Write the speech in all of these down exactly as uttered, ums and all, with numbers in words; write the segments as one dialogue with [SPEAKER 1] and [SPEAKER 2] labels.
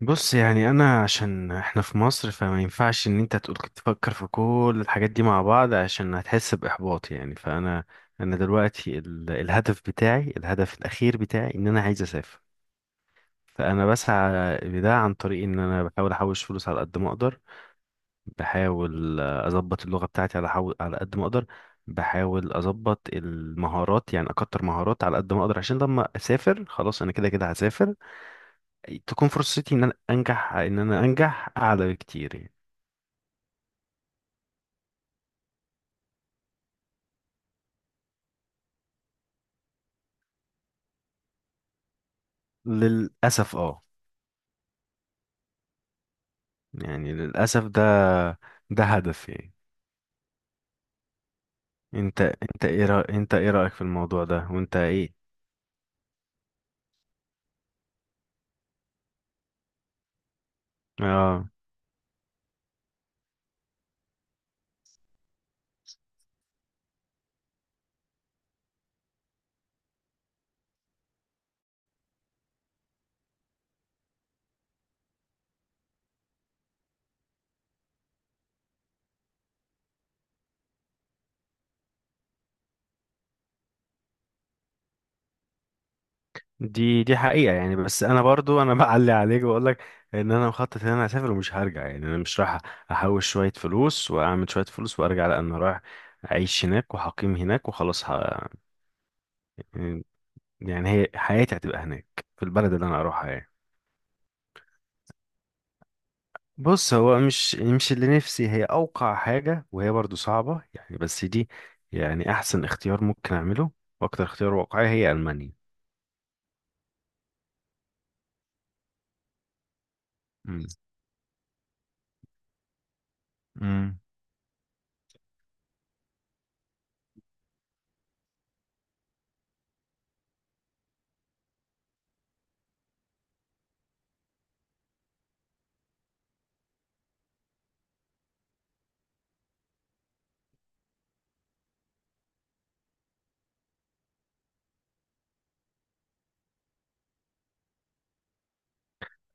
[SPEAKER 1] بص، يعني انا عشان احنا في مصر فما ينفعش ان انت تقول تفكر في كل الحاجات دي مع بعض عشان هتحس باحباط، يعني فانا انا دلوقتي ال- الهدف بتاعي الهدف الاخير بتاعي ان انا عايز اسافر. فانا بسعى لده عن طريق ان انا بحاول احوش فلوس على قد ما اقدر. بحاول آه، اظبط اللغة بتاعتي على حو... على قد ما اقدر. بحاول اظبط المهارات، يعني اكتر مهارات على قد ما اقدر، عشان لما اسافر خلاص انا كده كده هسافر، تكون فرصتي ان انا انجح ان انا انجح اعلى بكتير يعني. للاسف اه يعني للاسف ده ده هدف يعني. انت انت ايه رأ... انت ايه رأيك في الموضوع ده، وانت ايه؟ اه، دي دي حقيقة يعني. بس انا برضو انا بعلي عليك واقول لك ان انا مخطط ان انا هسافر ومش هرجع. يعني انا مش رايح احوش شوية فلوس واعمل شوية فلوس وارجع، لان انا رايح اعيش هناك وهقيم هناك وخلاص ه... يعني هي حياتي هتبقى هناك في البلد اللي انا اروحها يعني. بص، هو مش مش اللي نفسي هي أوقع حاجة وهي برضو صعبة يعني، بس دي يعني أحسن اختيار ممكن أعمله وأكتر اختيار واقعي هي ألمانيا. مم. مم.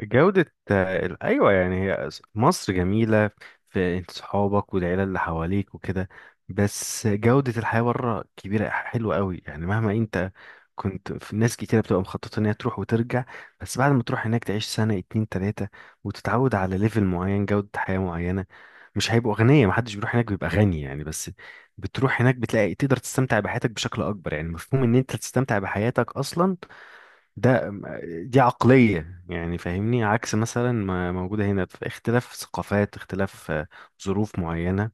[SPEAKER 1] جودة آه، ال- أيوة، يعني هي أس- مصر جميلة، في انت صحابك والعيلة اللي حواليك وكده، بس جودة الحياة بره كبيرة حلوة قوي. يعني مهما انت كنت، في ناس كتيرة بتبقى مخططة ان هي تروح وترجع، بس بعد ما تروح هناك تعيش سنة اتنين تلاتة وتتعود على ليفل معين، جودة حياة معينة. مش هيبقوا أغنياء، محدش بيروح هناك بيبقى غني يعني، بس بتروح هناك بتلاقي تقدر تستمتع بحياتك بشكل أكبر. يعني مفهوم ان انت تستمتع بحياتك أصلا، ده دي عقلية يعني، فاهمني؟ عكس مثلا ما موجودة هنا، في اختلاف ثقافات، اختلاف آه، ظروف معينة،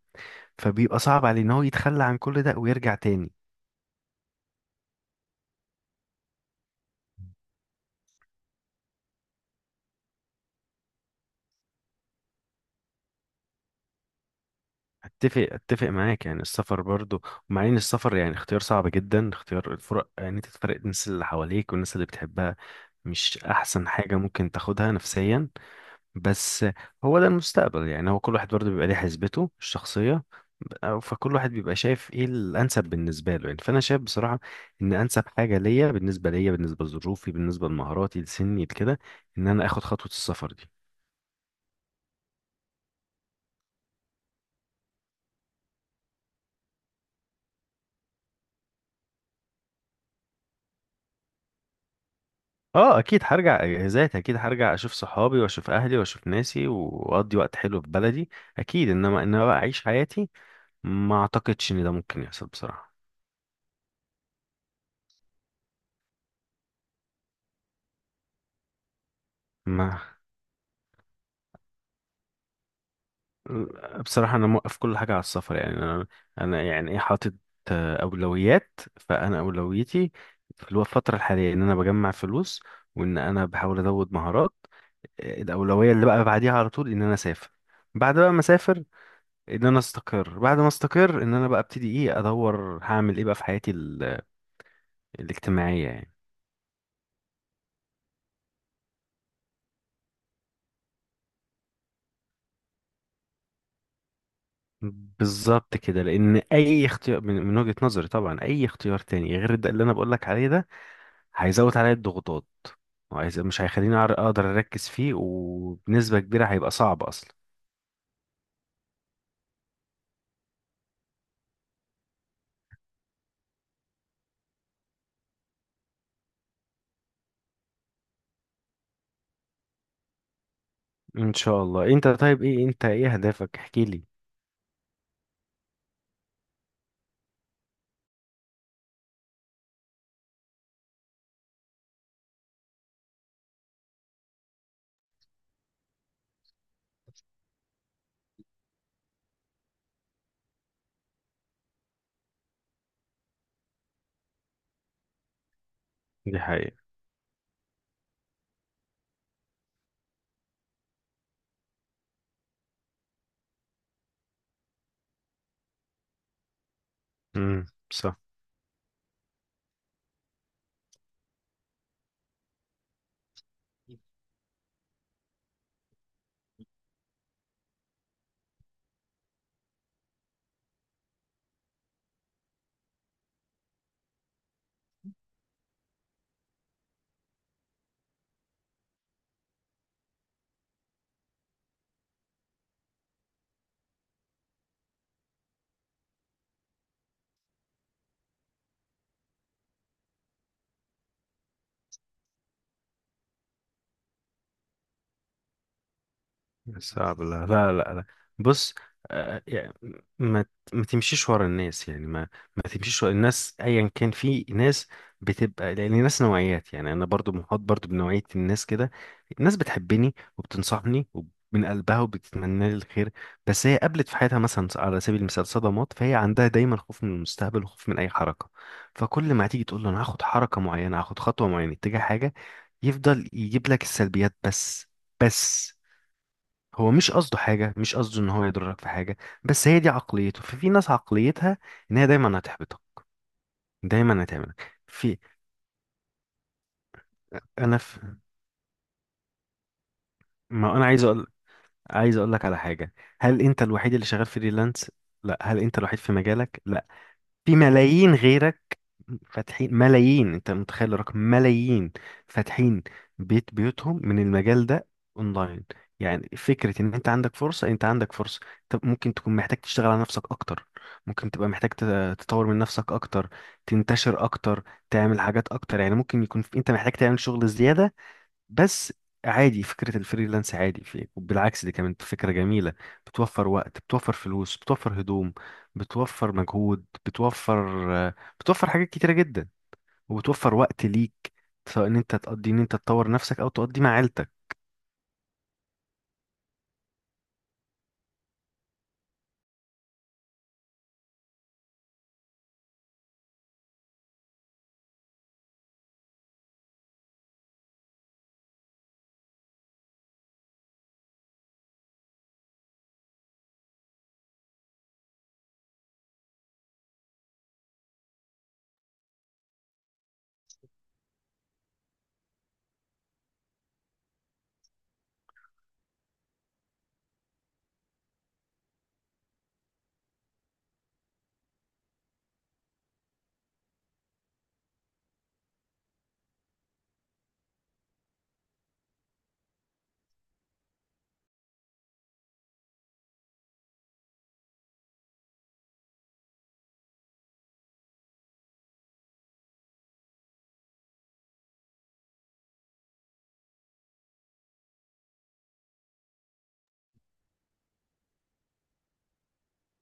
[SPEAKER 1] فبيبقى صعب عليه ان هو يتخلى عن كل ده ويرجع تاني. اتفق اتفق معاك، يعني السفر برضو ومع ان السفر يعني اختيار صعب جدا، اختيار الفرق ان يعني انت تفرق الناس اللي حواليك والناس اللي بتحبها مش احسن حاجة ممكن تاخدها نفسيا. بس هو ده المستقبل، يعني هو كل واحد برضه بيبقى ليه حسبته الشخصية. ب- فكل واحد بيبقى شايف ايه الانسب بالنسبة له يعني، فانا شايف بصراحة ان انسب حاجة ليا، بالنسبة ليا، بالنسبة لظروفي، بالنسبة لمهاراتي، لسني، لكده، ان انا اخد خطوة السفر دي. اه، اكيد هرجع اجازات، اكيد هرجع اشوف صحابي واشوف اهلي واشوف ناسي واقضي وقت حلو في بلدي، اكيد، انما ان انا بقى اعيش حياتي، ما اعتقدش ان ده ممكن يحصل بصراحة. ما بصراحة أنا موقف كل حاجة على السفر. يعني أنا أنا يعني إيه، حاطط آه، أولويات، فأنا أولويتي في الو- الفترة الحالية إن أنا بجمع فلوس، وإن أنا بحاول أزود مهارات. آه، الأولوية اللي بقى بعديها على طول إن أنا أسافر، بعد بقى ما أسافر إن أنا أستقر، بعد ما أستقر إن أنا بقى أبتدي إيه، أدور هعمل إيه بقى في حياتي ال- الاجتماعية يعني. بالظبط كده، لأن أي اختيار، من من وجهة نظري طبعا، أي اختيار تاني غير ده اللي أنا بقولك عليه ده هيزود عليا الضغوطات، وهيز- مش هيخليني أعر- اقدر اركز فيه، وبنسبة كبيرة هيبقى صعب اصلا. ان شاء الله. انت طيب؟ ايه انت ايه اهدافك؟ احكي لي. دي حقيقة. امم. صح. صعب. لا، لا، لا، لا. بص، آه، يعني ما ت- ما تمشيش ورا الناس، يعني ما ما تمشيش ورا الناس ايا كان. في ناس بتبقى، لان الناس نوعيات يعني، انا برضو محاط برضو بنوعية الناس كده، الناس بتحبني وبتنصحني ومن قلبها وبتتمنى لي الخير، بس هي قابلت في حياتها مثلا، على سبيل المثال، صدمات، فهي عندها دايما خوف من المستقبل وخوف من اي حركة. فكل ما تيجي تقول له انا هاخد حركة معينة، هاخد خطوة معينة اتجاه حاجة، يفضل يجيب لك السلبيات بس بس هو مش قصده حاجة، مش قصده ان هو يضرك في حاجة، بس هي دي عقليته. ففي ناس عقليتها ان هي دايما هتحبطك، دايما هتعملك في... انا في ما انا عايز اقول عايز اقول لك على حاجة. هل انت الوحيد اللي شغال فريلانس؟ لا. هل انت الوحيد في مجالك؟ لا. في ملايين غيرك فاتحين، ملايين، انت متخيل الرقم؟ ملايين فاتحين بيت بيوتهم من المجال ده اونلاين. يعني فكرة ان انت عندك فرصة، انت عندك فرصة. طب ممكن تكون محتاج تشتغل على نفسك اكتر، ممكن تبقى محتاج تت- تطور من نفسك اكتر، تنتشر اكتر، تعمل حاجات اكتر. يعني ممكن يكون في- انت محتاج تعمل شغل زيادة بس. عادي، فكرة الفريلانس عادي، في إيه؟ وبالعكس، دي كمان فكرة جميلة، بتوفر وقت، بتوفر فلوس، بتوفر هدوم، بتوفر مجهود، بتوفر آه، بتوفر حاجات كتيرة جدا، وبتوفر وقت ليك، سواء ان انت تقضي ان انت تطور نفسك، او تقضي مع عيلتك.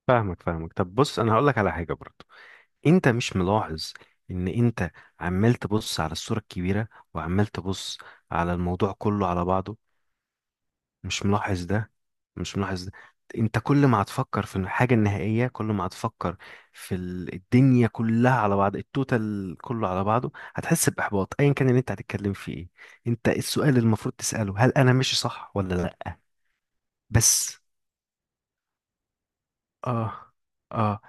[SPEAKER 1] فاهمك، فاهمك. طب بص، انا هقول لك على حاجة برضو. انت مش ملاحظ ان انت عمال تبص على الصورة الكبيرة، وعمال تبص على الموضوع كله على بعضه؟ مش ملاحظ ده؟ مش ملاحظ ده. انت كل ما هتفكر في الحاجة النهائية، كل ما هتفكر في ال- الدنيا كلها على بعض، التوتال كله على بعضه، هتحس بإحباط ايا كان اللي انت هتتكلم فيه ايه. انت السؤال اللي المفروض تسأله هل انا ماشي صح ولا لا بس. اه، اه،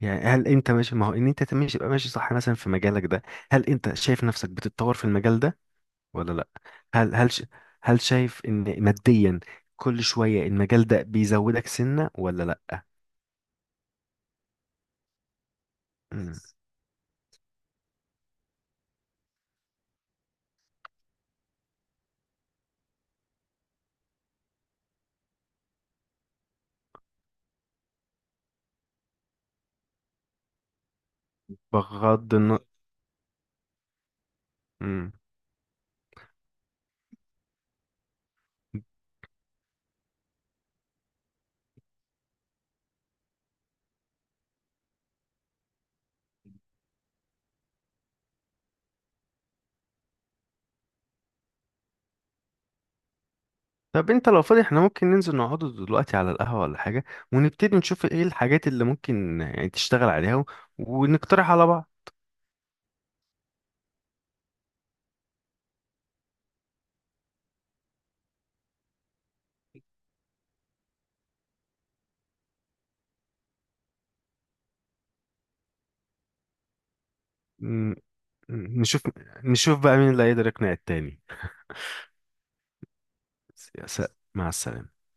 [SPEAKER 1] يعني هل انت ماشي؟ ما هو ان انت ماشي يبقى ماشي صح، مثلا في مجالك ده هل انت شايف نفسك بتتطور في المجال ده ولا لا؟ هل هل ش- هل شايف ان ماديا كل شوية المجال ده بيزودك سنة ولا لا؟ مم. بغض النظر. طب انت لو فاضي احنا ممكن ننزل نقعد دلوقتي على القهوة ولا حاجة، ونبتدي نشوف ايه الحاجات اللي ممكن يعني تشتغل عليها و- ونقترح على بعض. مم. نشوف، نشوف بقى مين اللي هيقدر يقنع التاني. يا سلام. مع السلامة.